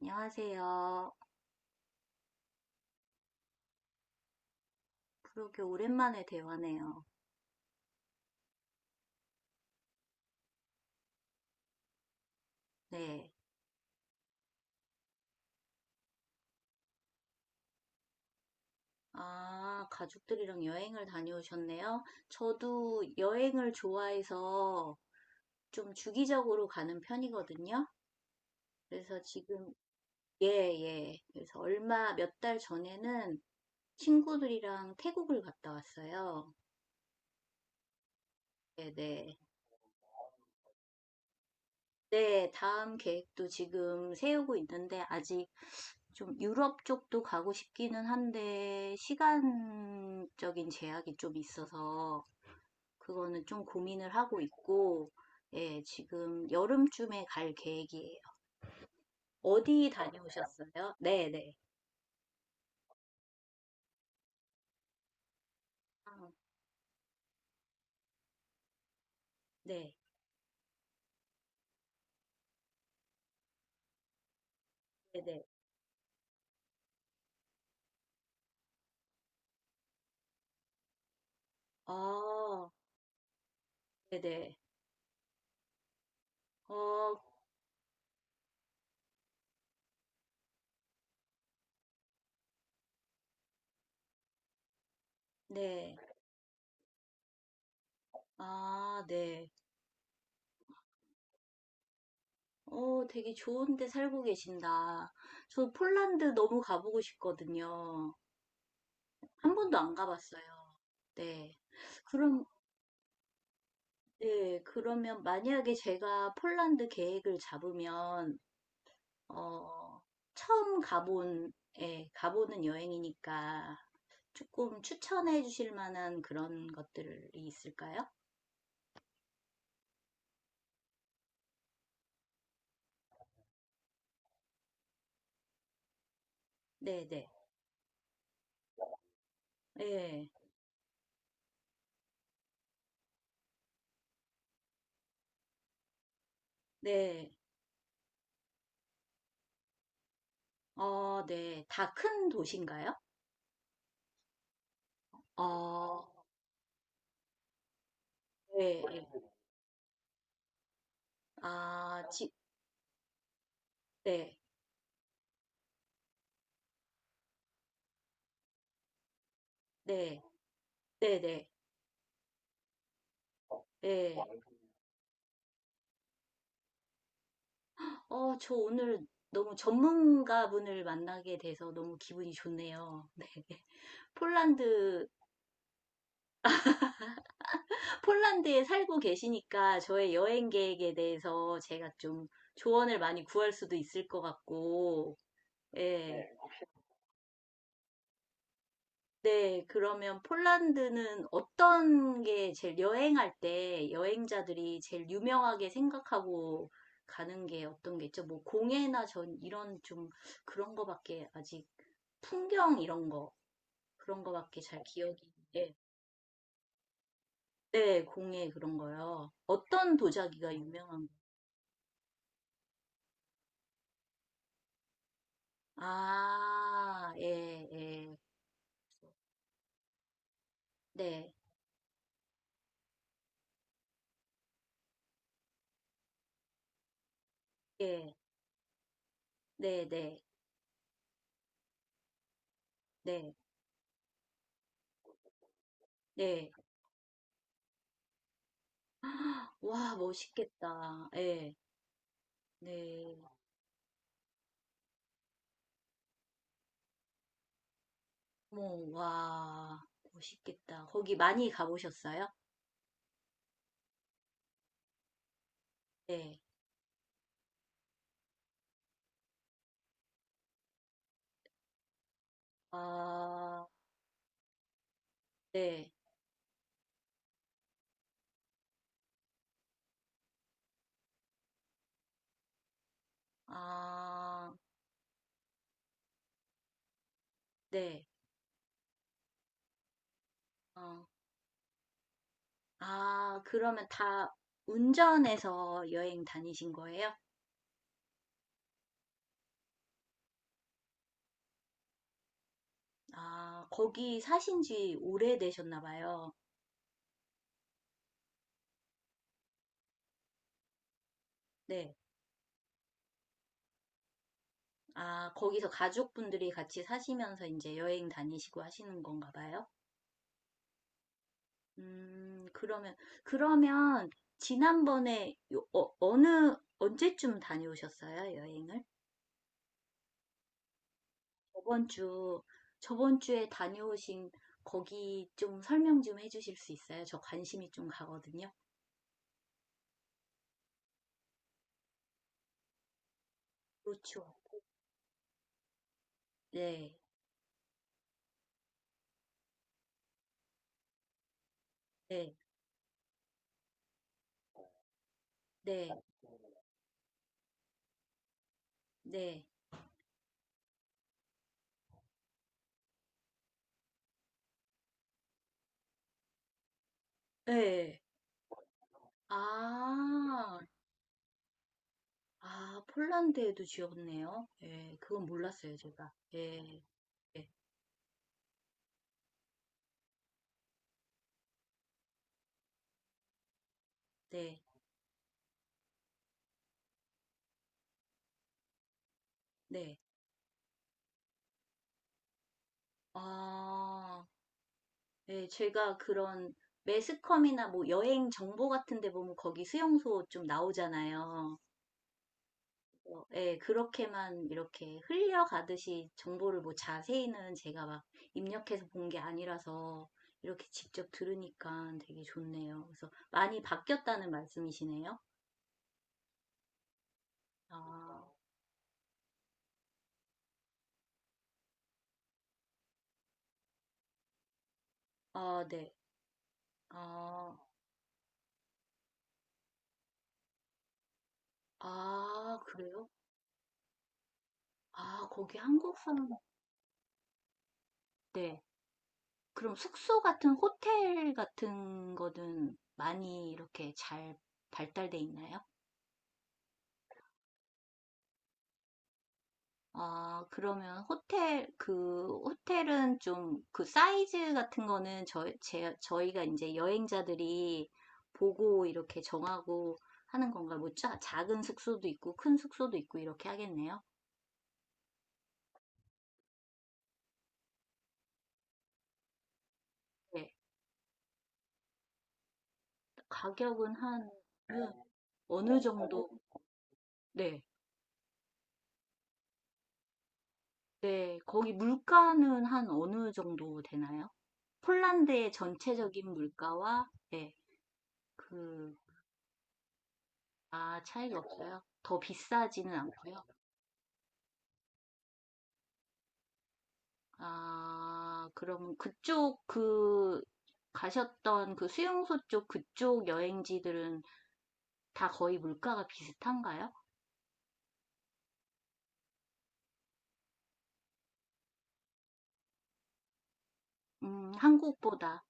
안녕하세요. 그러게 오랜만에 대화네요. 네. 아, 가족들이랑 여행을 다녀오셨네요. 저도 여행을 좋아해서 좀 주기적으로 가는 편이거든요. 그래서 지금, 예, 예. 그래서 몇 달 전에는 친구들이랑 태국을 갔다 왔어요. 네네. 네, 다음 계획도 지금 세우고 있는데, 아직 좀 유럽 쪽도 가고 싶기는 한데, 시간적인 제약이 좀 있어서, 그거는 좀 고민을 하고 있고, 예, 지금 여름쯤에 갈 계획이에요. 어디 다녀오셨어요? 네네. 아, 네, 네네. 아, 네네. 어, 네. 아, 네. 되게 좋은 데 살고 계신다. 저 폴란드 너무 가보고 싶거든요. 한 번도 안 가봤어요. 네. 그럼, 네, 그러면 만약에 제가 폴란드 계획을 잡으면, 어, 처음 가본, 예, 가보는 여행이니까 조금 추천해 주실 만한 그런 것들이 있을까요? 네네. 네, 예, 네. 어, 네. 다 큰 도시인가요? 어, 네. 예. 아, 네. 네. 네네. 네. 네. 저 오늘 너무 전문가분을 만나게 돼서 너무 기분이 좋네요. 네. 폴란드, 폴란드에 살고 계시니까 저의 여행 계획에 대해서 제가 좀 조언을 많이 구할 수도 있을 것 같고, 예. 네. 네, 그러면 폴란드는 어떤 게 제일 여행할 때 여행자들이 제일 유명하게 생각하고 가는 게 어떤 게 있죠? 뭐 공예나 전 이런 좀 그런 거밖에 아직 풍경 이런 거. 그런 거밖에 잘 기억이 예. 네, 공예 그런 거요. 어떤 도자기가 유명한 거? 아, 예, 예. 네, 예, 네, 네, 네, 네. 와, 멋있겠다. 예, 네. 뭐, 와, 멋있겠다. 거기 많이 가보셨어요? 네. 아, 네. 아, 네. 어. 아, 그러면 다 운전해서 여행 다니신 거예요? 아, 거기 사신 지 오래되셨나 봐요. 네. 아, 거기서 가족분들이 같이 사시면서 이제 여행 다니시고 하시는 건가 봐요. 음, 그러면, 그러면, 지난번에, 언제쯤 다녀오셨어요, 여행을? 저번 주, 저번 주에 다녀오신 거기 좀 설명 좀 해주실 수 있어요? 저 관심이 좀 가거든요. 그렇죠. 네, 네, 네, 네, 네. 아, 아, 폴란드에도 지었네요. 예, 그건 몰랐어요, 제가. 예, 예, 네, 네. 아, 예, 제가 그런 매스컴이나 뭐 여행 정보 같은 데 보면 거기 수용소 좀 나오잖아요. 예, 그렇게만 이렇게 흘려가듯이 정보를 뭐 자세히는 제가 막 입력해서 본 게 아니라서 이렇게 직접 들으니까 되게 좋네요. 그래서 많이 바뀌었다는 말씀이시네요. 아, 아, 네. 아, 아, 그래요? 아, 거기 한국 사람 네. 그럼 숙소 같은 호텔 같은 거는 많이 이렇게 잘 발달돼 있나요? 아, 그러면 호텔 그 호텔은 좀 그 사이즈 같은 거는 저희가 이제 여행자들이 보고 이렇게 정하고 하는 건가? 뭐 작은 숙소도 있고 큰 숙소도 있고 이렇게 하겠네요. 네. 가격은 한 네, 어느 정도? 네. 네, 거기 물가는 한 어느 정도 되나요? 폴란드의 전체적인 물가와, 네, 그, 아, 차이가 없어요? 더 비싸지는 않고요. 아, 그럼 그쪽, 가셨던 그 수용소 쪽 그쪽 여행지들은 다 거의 물가가 비슷한가요? 한국보다.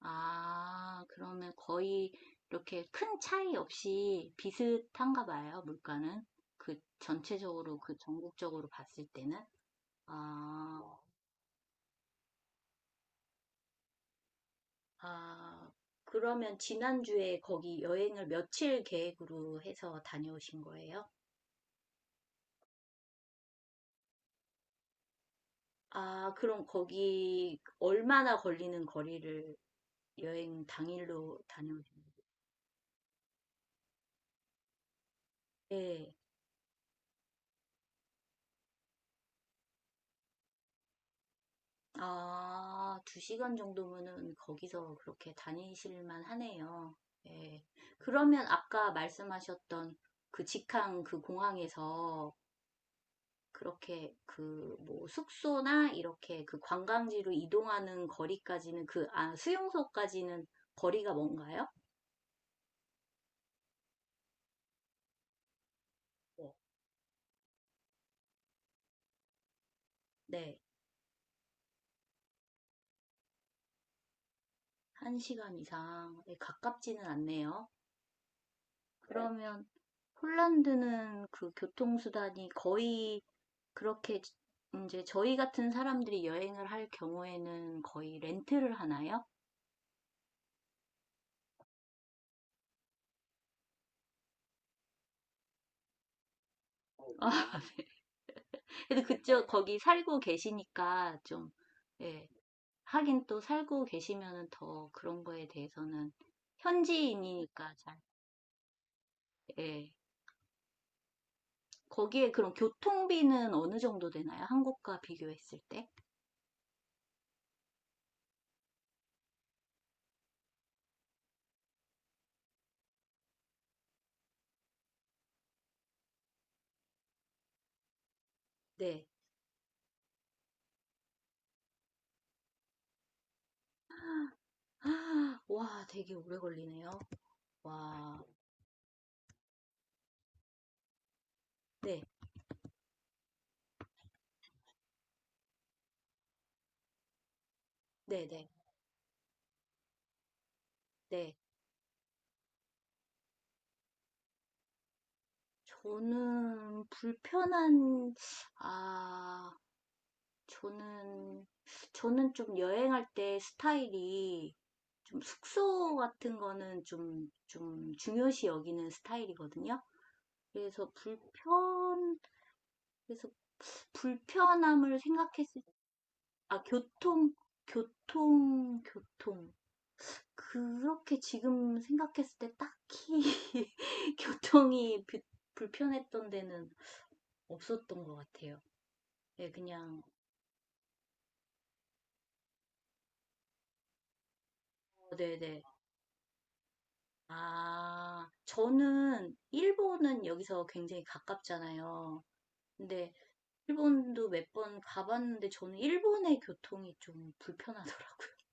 아, 그러면 거의 이렇게 큰 차이 없이 비슷한가 봐요, 물가는. 그 전체적으로, 그 전국적으로 봤을 때는. 아, 아, 그러면 지난주에 거기 여행을 며칠 계획으로 해서 다녀오신 거예요? 아, 그럼 거기 얼마나 걸리는 거리를 여행 당일로 다녀오신 거예요? 아, 2시간 정도면은 거기서 그렇게 다니실만 하네요. 예. 그러면 아까 말씀하셨던 그 직항 그 공항에서 그렇게 그 뭐 숙소나 이렇게 그 관광지로 이동하는 거리까지는 그, 아, 수용소까지는 거리가 뭔가요? 네. 네. 1시간 이상. 네, 가깝지는 않네요. 네. 그러면 폴란드는 그 교통수단이 거의 그렇게 이제 저희 같은 사람들이 여행을 할 경우에는 거의 렌트를 하나요? 근데 그쪽 거기 살고 계시니까 좀, 예, 하긴 또 살고 계시면은 더 그런 거에 대해서는 현지인이니까 잘, 예. 거기에 그럼 교통비는 어느 정도 되나요? 한국과 비교했을 때? 네. 아, 와, 되게 오래 걸리네요. 와, 네, 네, 네, 네. 저는 불편한, 아, 저는, 저는 좀 여행할 때 스타일이 좀 숙소 같은 거는 좀, 좀 중요시 여기는 스타일이거든요. 그래서 불편, 그래서 불편함을 생각했을, 때, 아, 교통, 교통, 교통. 그렇게 지금 생각했을 때 딱히 교통이 불편했던 데는 없었던 것 같아요. 예, 그냥, 어, 네네. 아, 저는 일본은 여기서 굉장히 가깝잖아요. 근데 일본도 몇 번 가봤는데 저는 일본의 교통이 좀 불편하더라고요.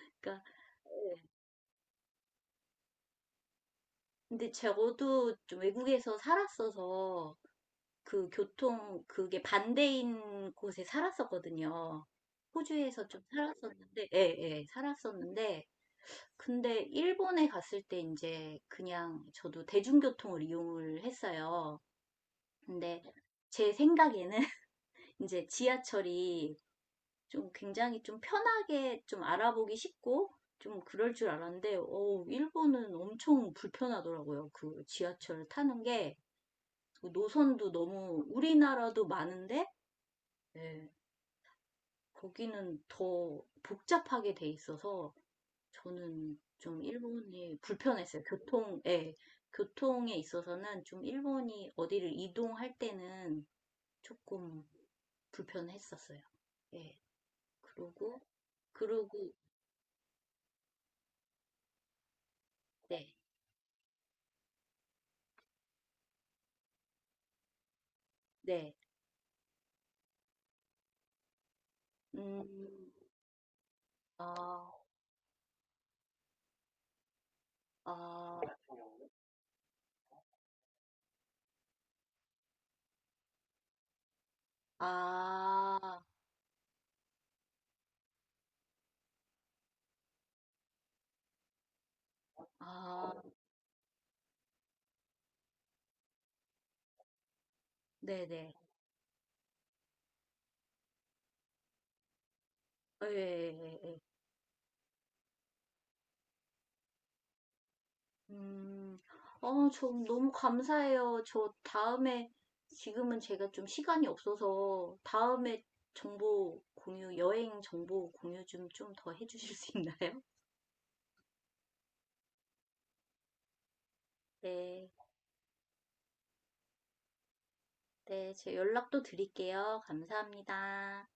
그러니까, 예. 근데 저도 좀 외국에서 살았어서 그 교통, 그게 반대인 곳에 살았었거든요. 호주에서 좀 살았었는데, 예, 예, 살았었는데, 근데 일본에 갔을 때 이제 그냥 저도 대중교통을 이용을 했어요. 근데 제 생각에는 이제 지하철이 좀 굉장히 좀 편하게 좀 알아보기 쉽고 좀 그럴 줄 알았는데, 일본은 엄청 불편하더라고요. 그 지하철 타는 게 노선도 너무 우리나라도 많은데, 예, 거기는 더 복잡하게 돼 있어서 저는 좀 일본이 불편했어요. 교통, 예, 교통에 있어서는 좀 일본이 어디를 이동할 때는 조금 불편했었어요. 예, 그러고, 그러고, 네, 네, 음, 아, 아, 아, 아, 네네, 예, 예, 예, 예. 음. 저 너무 감사해요. 저 다음에 지금은 제가 좀 시간이 없어서 다음에 정보 공유, 여행 정보 공유 좀 좀 더 해주실 수 있나요? 네, 네, 제가 연락도 드릴게요. 감사합니다.